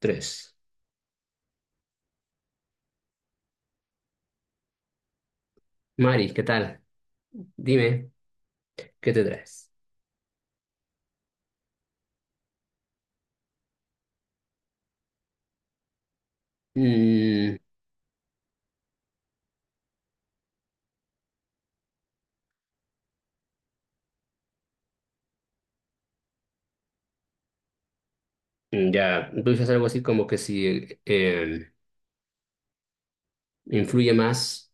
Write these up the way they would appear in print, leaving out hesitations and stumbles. Tres. Mari, ¿qué tal? Dime, ¿qué te traes? Mm, ya, tú dices algo así como que si influye más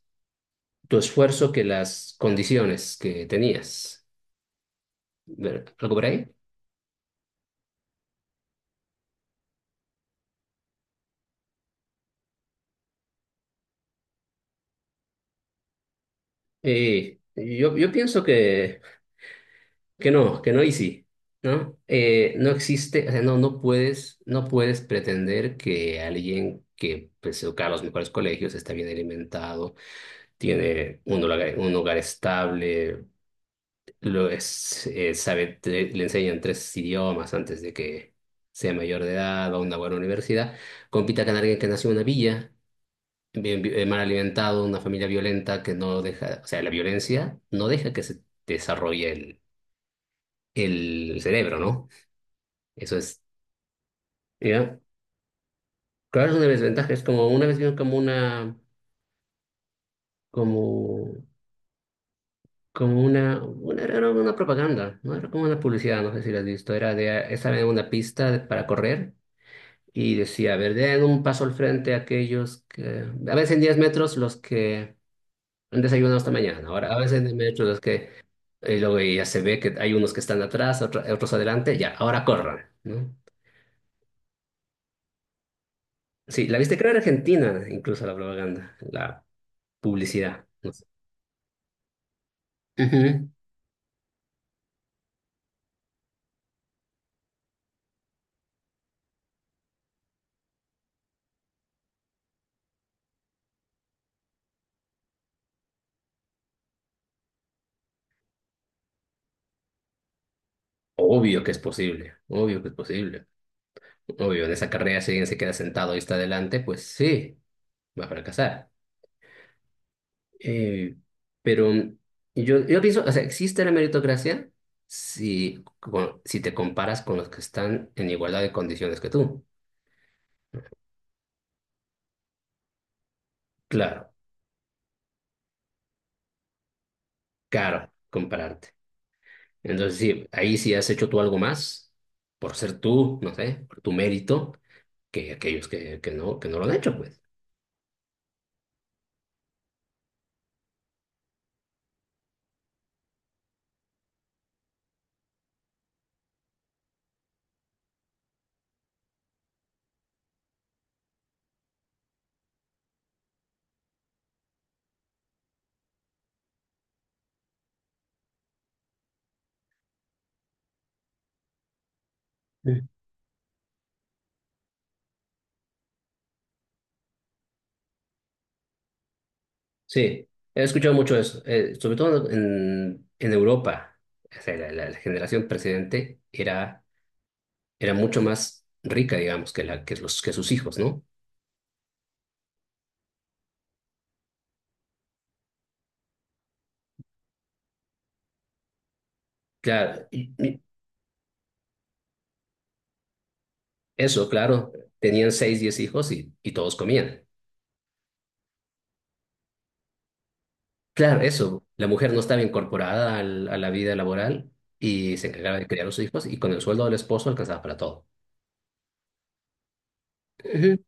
tu esfuerzo que las condiciones que tenías. ¿Algo por ahí? Yo pienso que no, que no y sí, ¿no? No existe, o sea, no puedes, no puedes pretender que alguien que pues, se educa a los mejores colegios, está bien alimentado, tiene un hogar estable. Lo es, sabe, le enseñan tres idiomas antes de que sea mayor de edad, va a una buena universidad, compita con alguien que nació en una villa, mal alimentado, una familia violenta que no deja, o sea, la violencia no deja que se desarrolle el cerebro, ¿no? Eso es, ¿ya? Claro, es una desventaja, es como una vez vieron como una, como, como una, era una propaganda, ¿no? Era como una publicidad, no sé si la has visto, era de, estaba en una pista para correr. Y decía, a ver, den un paso al frente a aquellos que, a veces en 10 metros los que han desayunado esta mañana, ahora a veces en 10 metros los que, y luego ya se ve que hay unos que están atrás, otros adelante, ya, ahora corran, ¿no? Sí, la viste crear Argentina, incluso la propaganda, la publicidad. No sé. Ujú. Obvio que es posible, obvio que es posible. Obvio, en esa carrera si alguien se queda sentado y está adelante, pues sí, va a fracasar. Eh, pero yo pienso, o sea, existe la meritocracia si, si te comparas con los que están en igualdad de condiciones que tú. Claro, caro compararte. Entonces, sí, ahí sí has hecho tú algo más por ser tú, no sé, por tu mérito, que aquellos que, que no lo han hecho, pues. Sí. Sí, he escuchado mucho eso, sobre todo en Europa. O sea, la generación precedente era mucho más rica, digamos, que, la, que, los, que sus hijos, ¿no? Claro, y eso, claro, tenían seis, diez hijos y todos comían. Claro, eso, la mujer no estaba incorporada a la vida laboral y se encargaba de criar a sus hijos y con el sueldo del esposo alcanzaba para todo. Ujú.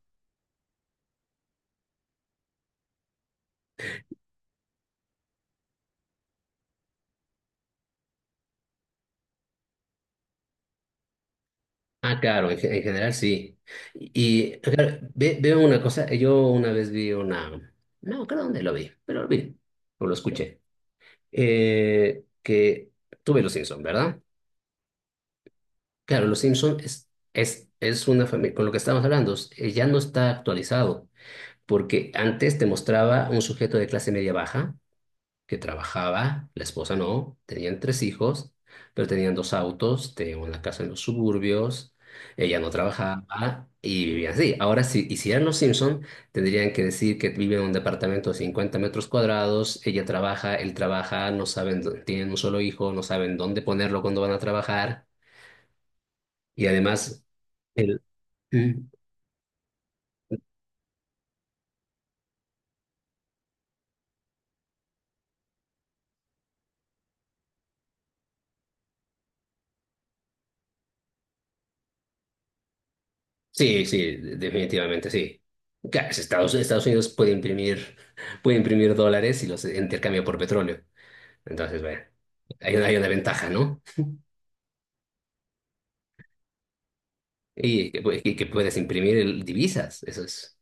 Ah, claro, en, en general sí. Y claro, veo una cosa, yo una vez vi una, no, creo dónde lo vi, pero lo vi, o lo escuché, que tuve los Simpson, ¿verdad? Claro, Los Simpson es, es una familia, con lo que estábamos hablando, ya no está actualizado, porque antes te mostraba un sujeto de clase media baja que trabajaba, la esposa no, tenían tres hijos, pero tenían dos autos, tenían una casa en los suburbios, ella no trabajaba y vivían así. Ahora, si hicieran Los Simpson, tendrían que decir que vive en un departamento de 50 metros cuadrados, ella trabaja, él trabaja, no saben, tienen un solo hijo, no saben dónde ponerlo cuando van a trabajar. Y además, el... Mm. Sí, sí, definitivamente sí. Claro, es Estados Unidos puede imprimir dólares y los intercambia por petróleo. Entonces, bueno, hay una ventaja, ¿no? Y que, y que puedes imprimir divisas.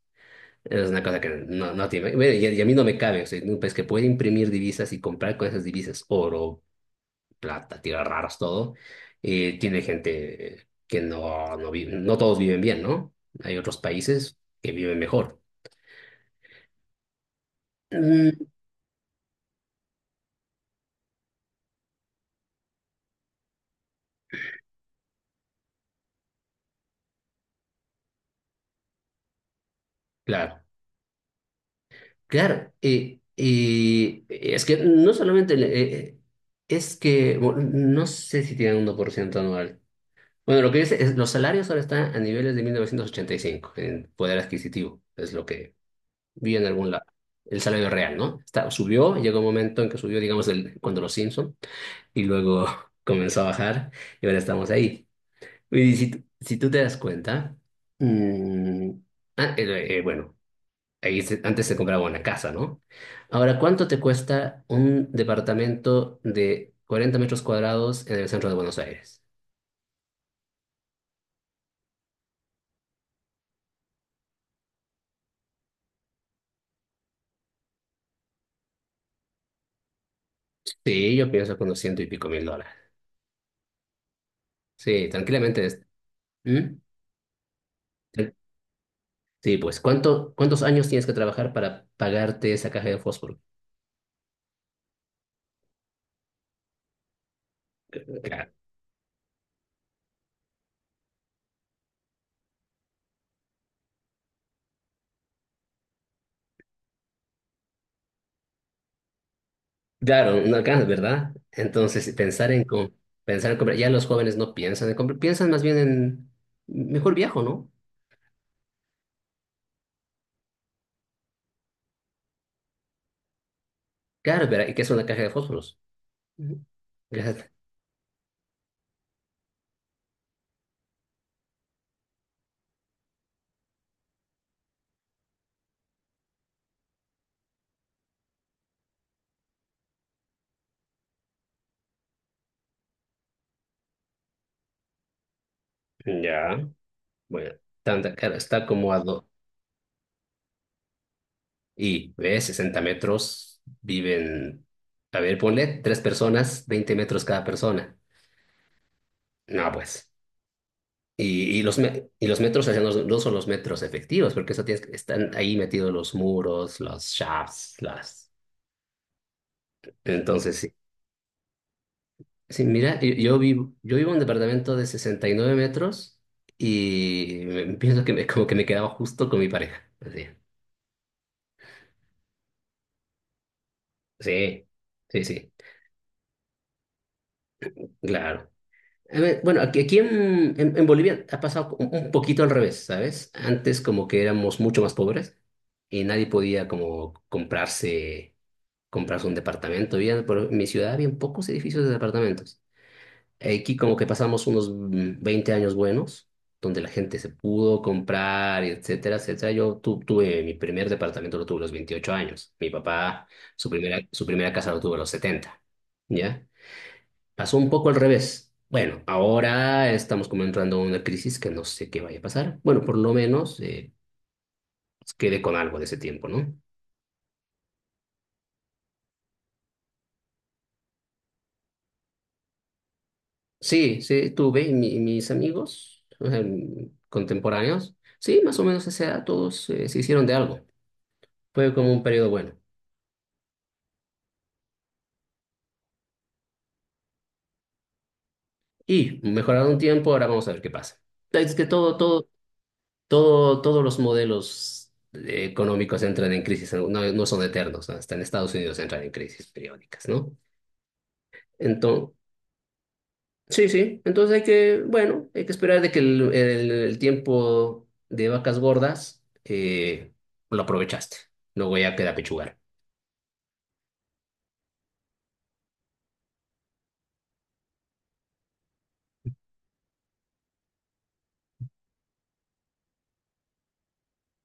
Eso es una cosa que no, bueno, y a mí no me cabe. O sea, en un país que puede imprimir divisas y comprar con esas divisas oro, plata, tierras raras, todo. Y tiene gente que no, no vive, no todos viven bien, ¿no? Hay otros países que viven mejor. Mm, claro, claro. Y es que no solamente, es que, bueno, no sé si tienen un 1% anual. Bueno, lo que dice es, los salarios ahora están a niveles de 1985 en poder adquisitivo, es lo que vi en algún lado. El salario real, ¿no? Está, subió, llegó un momento en que subió, digamos, el, cuando los Simpson y luego comenzó a bajar y ahora estamos ahí. Y si, si tú te das cuenta, mm, bueno, antes se compraba una casa, ¿no? Ahora, ¿cuánto te cuesta un departamento de 40 metros cuadrados en el centro de Buenos Aires? Sí, yo pienso con los $100 y pico mil. Sí, tranquilamente. ¿Mm? Sí, pues, ¿cuántos años tienes que trabajar para pagarte esa caja de fósforo? Claro, no alcanza, ¿verdad? Entonces, pensar en comprar, ya los jóvenes no piensan en comprar, piensan más bien en mejor viajo, ¿no? Claro, ¿verdad? ¿Y qué es una caja de fósforos? Ujú. Ya, ya, bueno, tanta, claro, está como a dos, y ves, 60 metros, viven, a ver, ponle tres personas, 20 metros cada persona. No, pues. Y, y los metros hacia no son los metros efectivos, porque eso tienes, están ahí metidos los muros, los shafts, las... Entonces, sí. Sí, mira, yo, yo vivo en un departamento de 69 metros y pienso que me, como que me quedaba justo con mi pareja. Así. Sí, sí, sí, claro. A ver, bueno, aquí, en Bolivia ha pasado un poquito al revés, ¿sabes? Antes como que éramos mucho más pobres y nadie podía como comprarse, comprarse un departamento. Había, por mi ciudad, había pocos edificios de departamentos. Aquí como que pasamos unos 20 años buenos, donde la gente se pudo comprar, etcétera, etcétera. Yo tuve mi primer departamento, lo tuve a los 28 años. Mi papá, su primera casa lo tuvo a los 70. ¿Ya? Pasó un poco al revés. Bueno, ahora estamos como entrando en una crisis que no sé qué vaya a pasar. Bueno, por lo menos quedé con algo de ese tiempo, ¿no? Sí, sí, tuve y mis amigos contemporáneos. Sí, más o menos a esa edad todos se hicieron de algo. Fue como un periodo bueno. Y mejoraron un tiempo, ahora vamos a ver qué pasa. Es que todo, todos los modelos económicos entran en crisis, no, no son eternos, ¿no? Hasta en Estados Unidos entran en crisis periódicas, ¿no? Entonces, sí, sí, entonces hay que, bueno, hay que esperar de que el, el tiempo de vacas gordas lo aprovechaste, luego ya queda pechugar.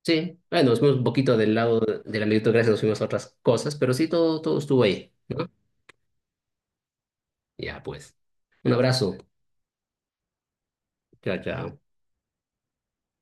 Sí, bueno, nos fuimos un poquito del lado de la meritocracia, nos fuimos a otras cosas, pero sí, todo, todo estuvo ahí. ¿No? Ya, pues. Un abrazo. Chao, chao.